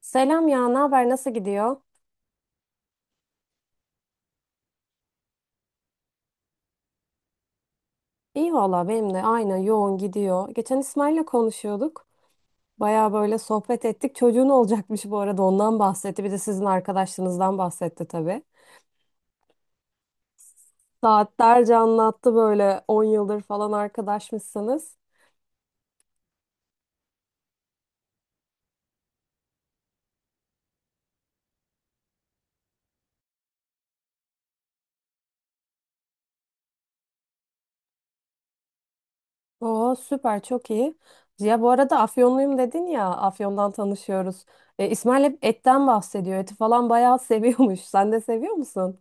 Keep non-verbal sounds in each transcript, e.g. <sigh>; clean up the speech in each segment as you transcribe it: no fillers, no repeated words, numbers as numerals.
Selam ya, ne haber, nasıl gidiyor? İyi valla benim de aynen yoğun gidiyor. Geçen İsmail'le konuşuyorduk. Baya böyle sohbet ettik. Çocuğun olacakmış bu arada ondan bahsetti. Bir de sizin arkadaşlığınızdan bahsetti tabii. Saatlerce anlattı böyle 10 yıldır falan arkadaşmışsınız. Oo, süper, çok iyi. Ya bu arada Afyonluyum dedin ya, Afyon'dan tanışıyoruz. İsmail hep etten bahsediyor. Eti falan bayağı seviyormuş. <laughs> Sen de seviyor musun?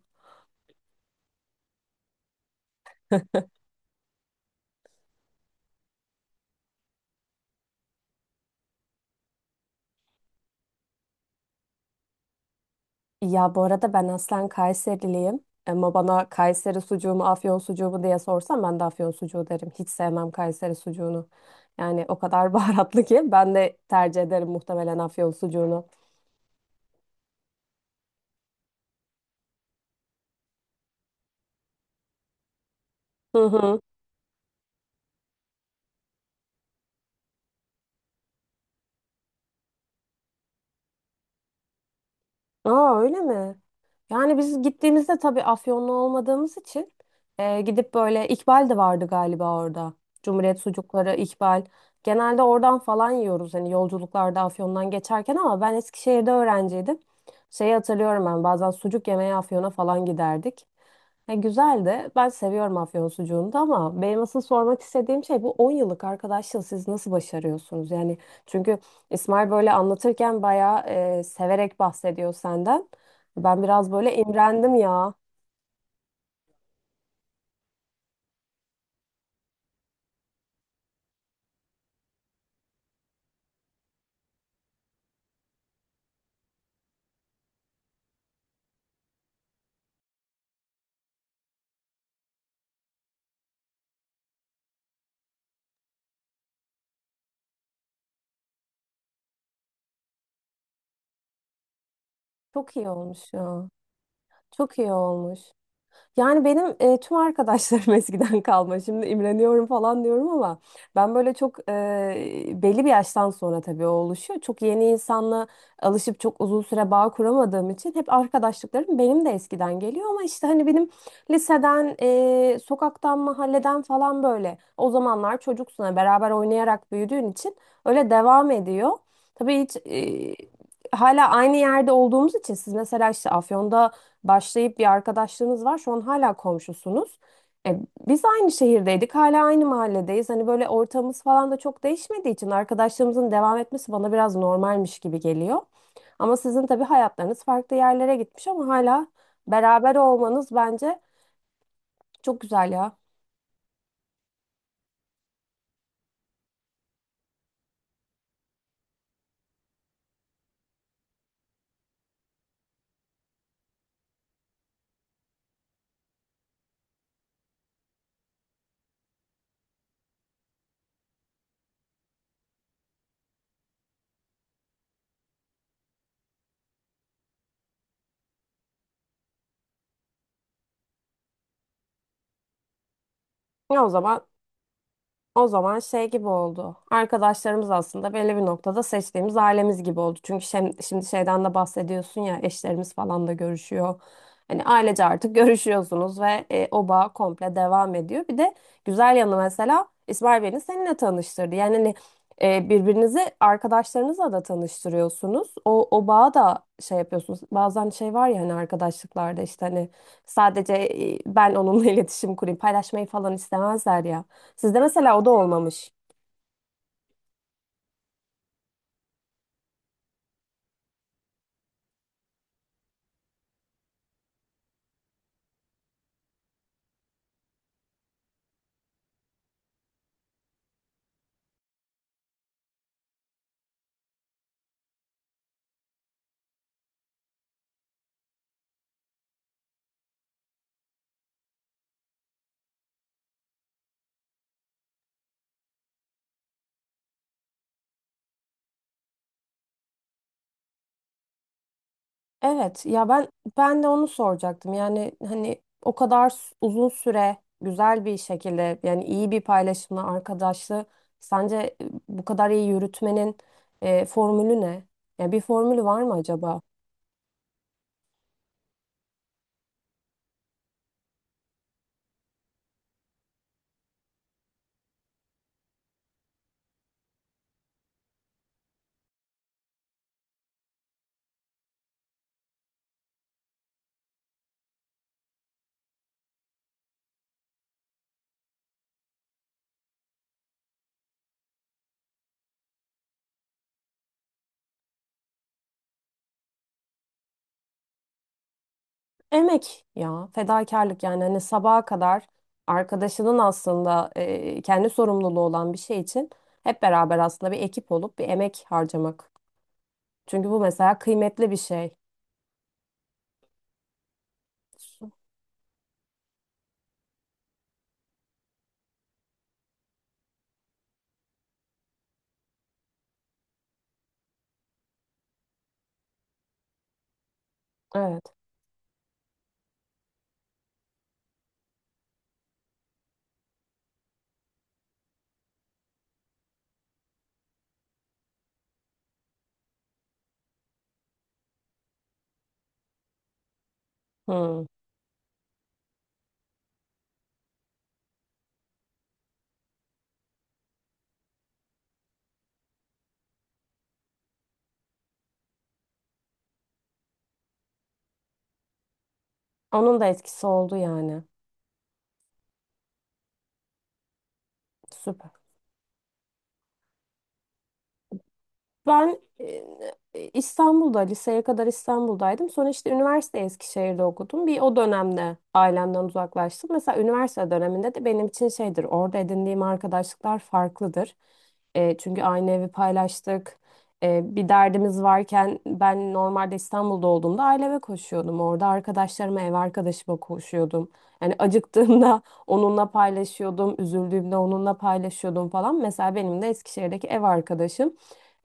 Ya bu arada ben aslen Kayseriliyim. Ama bana Kayseri sucuğu mu Afyon sucuğu mu diye sorsam ben de Afyon sucuğu derim. Hiç sevmem Kayseri sucuğunu. Yani o kadar <laughs> baharatlı ki ben de tercih ederim muhtemelen Afyon sucuğunu. <laughs> Aa, öyle mi? Yani biz gittiğimizde tabii Afyonlu olmadığımız için gidip böyle, İkbal de vardı galiba orada. Cumhuriyet sucukları, İkbal. Genelde oradan falan yiyoruz hani, yolculuklarda Afyon'dan geçerken, ama ben Eskişehir'de öğrenciydim. Şeyi hatırlıyorum, ben bazen sucuk yemeye Afyon'a falan giderdik. Ya güzel de, ben seviyorum Afyon sucuğunu da, ama benim asıl sormak istediğim şey, bu 10 yıllık arkadaşlığı siz nasıl başarıyorsunuz? Yani çünkü İsmail böyle anlatırken bayağı severek bahsediyor senden. Ben biraz böyle imrendim ya. Çok iyi olmuş ya. Çok iyi olmuş. Yani benim tüm arkadaşlarım <laughs> eskiden kalma. Şimdi imreniyorum falan diyorum ama ben böyle çok, belli bir yaştan sonra tabii o oluşuyor. Çok yeni insanla alışıp çok uzun süre bağ kuramadığım için hep arkadaşlıklarım benim de eskiden geliyor, ama işte hani benim liseden, sokaktan, mahalleden falan, böyle o zamanlar çocuksun hani, beraber oynayarak büyüdüğün için öyle devam ediyor. Tabii hiç, hala aynı yerde olduğumuz için, siz mesela işte Afyon'da başlayıp bir arkadaşlığınız var. Şu an hala komşusunuz. E, biz aynı şehirdeydik, hala aynı mahalledeyiz. Hani böyle ortamımız falan da çok değişmediği için arkadaşlığımızın devam etmesi bana biraz normalmiş gibi geliyor. Ama sizin tabii hayatlarınız farklı yerlere gitmiş, ama hala beraber olmanız bence çok güzel ya. Ya o zaman O zaman şey gibi oldu. Arkadaşlarımız aslında belli bir noktada seçtiğimiz ailemiz gibi oldu. Çünkü şimdi şeyden de bahsediyorsun ya, eşlerimiz falan da görüşüyor. Hani ailece artık <laughs> görüşüyorsunuz ve o bağ komple devam ediyor. Bir de güzel yanı, mesela İsmail beni seninle tanıştırdı. Yani hani birbirinizi arkadaşlarınızla da tanıştırıyorsunuz. O bağı da şey yapıyorsunuz. Bazen şey var ya hani, arkadaşlıklarda işte hani sadece ben onunla <laughs> iletişim kurayım, paylaşmayı falan istemezler ya. Sizde mesela o da olmamış. Evet ya, ben de onu soracaktım. Yani hani o kadar uzun süre güzel bir şekilde, yani iyi bir paylaşımla arkadaşlığı sence bu kadar iyi yürütmenin formülü ne? Ya bir formülü var mı acaba? Emek ya fedakarlık, yani hani sabaha kadar arkadaşının aslında kendi sorumluluğu olan bir şey için hep beraber aslında bir ekip olup bir emek harcamak. Çünkü bu mesela kıymetli bir şey. Evet. Hmm. Onun da etkisi oldu yani. Süper. Ben, İstanbul'da, liseye kadar İstanbul'daydım. Sonra işte üniversite Eskişehir'de okudum. Bir o dönemde ailemden uzaklaştım. Mesela üniversite döneminde de benim için şeydir, orada edindiğim arkadaşlıklar farklıdır. Çünkü aynı evi paylaştık. Bir derdimiz varken ben normalde İstanbul'da olduğumda aileme koşuyordum. Orada arkadaşlarıma, ev arkadaşıma koşuyordum. Yani acıktığımda <laughs> onunla paylaşıyordum, üzüldüğümde onunla paylaşıyordum falan. Mesela benim de Eskişehir'deki ev arkadaşım.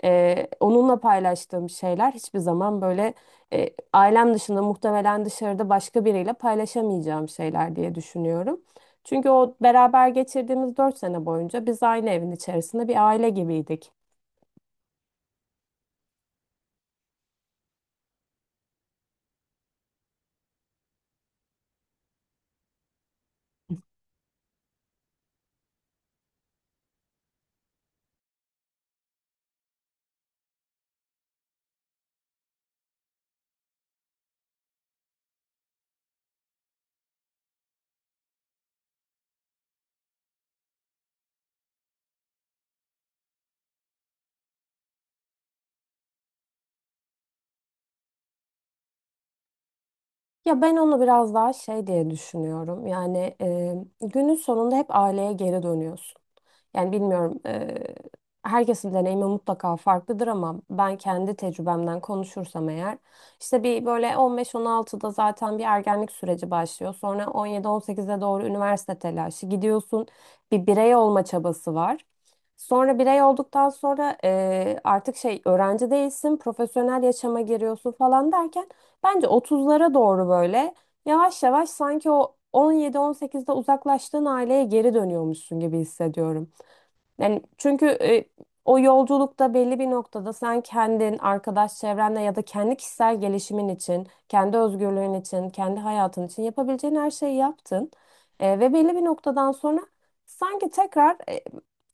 Onunla paylaştığım şeyler hiçbir zaman böyle, ailem dışında muhtemelen dışarıda başka biriyle paylaşamayacağım şeyler diye düşünüyorum. Çünkü o beraber geçirdiğimiz 4 sene boyunca biz aynı evin içerisinde bir aile gibiydik. Ya ben onu biraz daha şey diye düşünüyorum. Yani, günün sonunda hep aileye geri dönüyorsun. Yani bilmiyorum, herkesin deneyimi mutlaka farklıdır ama ben kendi tecrübemden konuşursam eğer, işte bir böyle 15-16'da zaten bir ergenlik süreci başlıyor. Sonra 17-18'e doğru üniversite telaşı gidiyorsun. Bir birey olma çabası var. Sonra birey olduktan sonra artık şey öğrenci değilsin, profesyonel yaşama giriyorsun falan derken, bence 30'lara doğru böyle yavaş yavaş, sanki o 17-18'de uzaklaştığın aileye geri dönüyormuşsun gibi hissediyorum. Yani çünkü o yolculukta belli bir noktada sen kendin, arkadaş çevrenle ya da kendi kişisel gelişimin için, kendi özgürlüğün için, kendi hayatın için yapabileceğin her şeyi yaptın. Ve belli bir noktadan sonra sanki tekrar,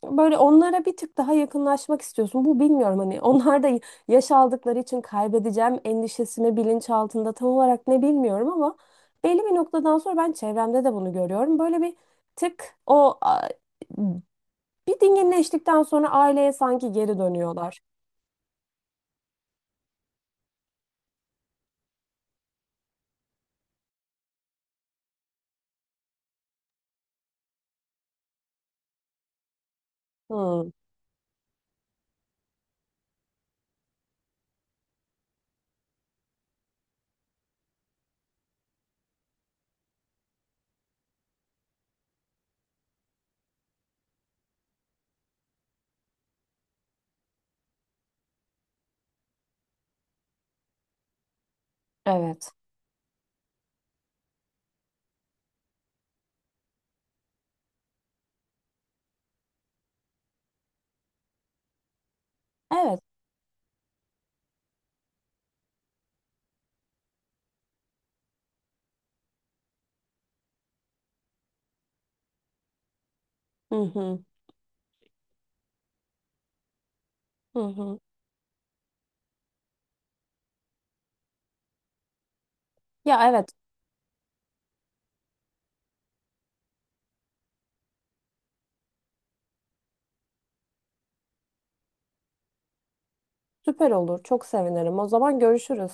böyle onlara bir tık daha yakınlaşmak istiyorsun. Bu, bilmiyorum hani, <laughs> onlar da yaş aldıkları için kaybedeceğim endişesini bilinçaltında tam olarak ne bilmiyorum ama belli bir noktadan sonra ben çevremde de bunu görüyorum. Böyle bir tık o bir dinginleştikten sonra aileye sanki geri dönüyorlar. Hmm, evet. Evet. Hı hı, hı hı. Ya evet, süper olur. Çok sevinirim. O zaman görüşürüz.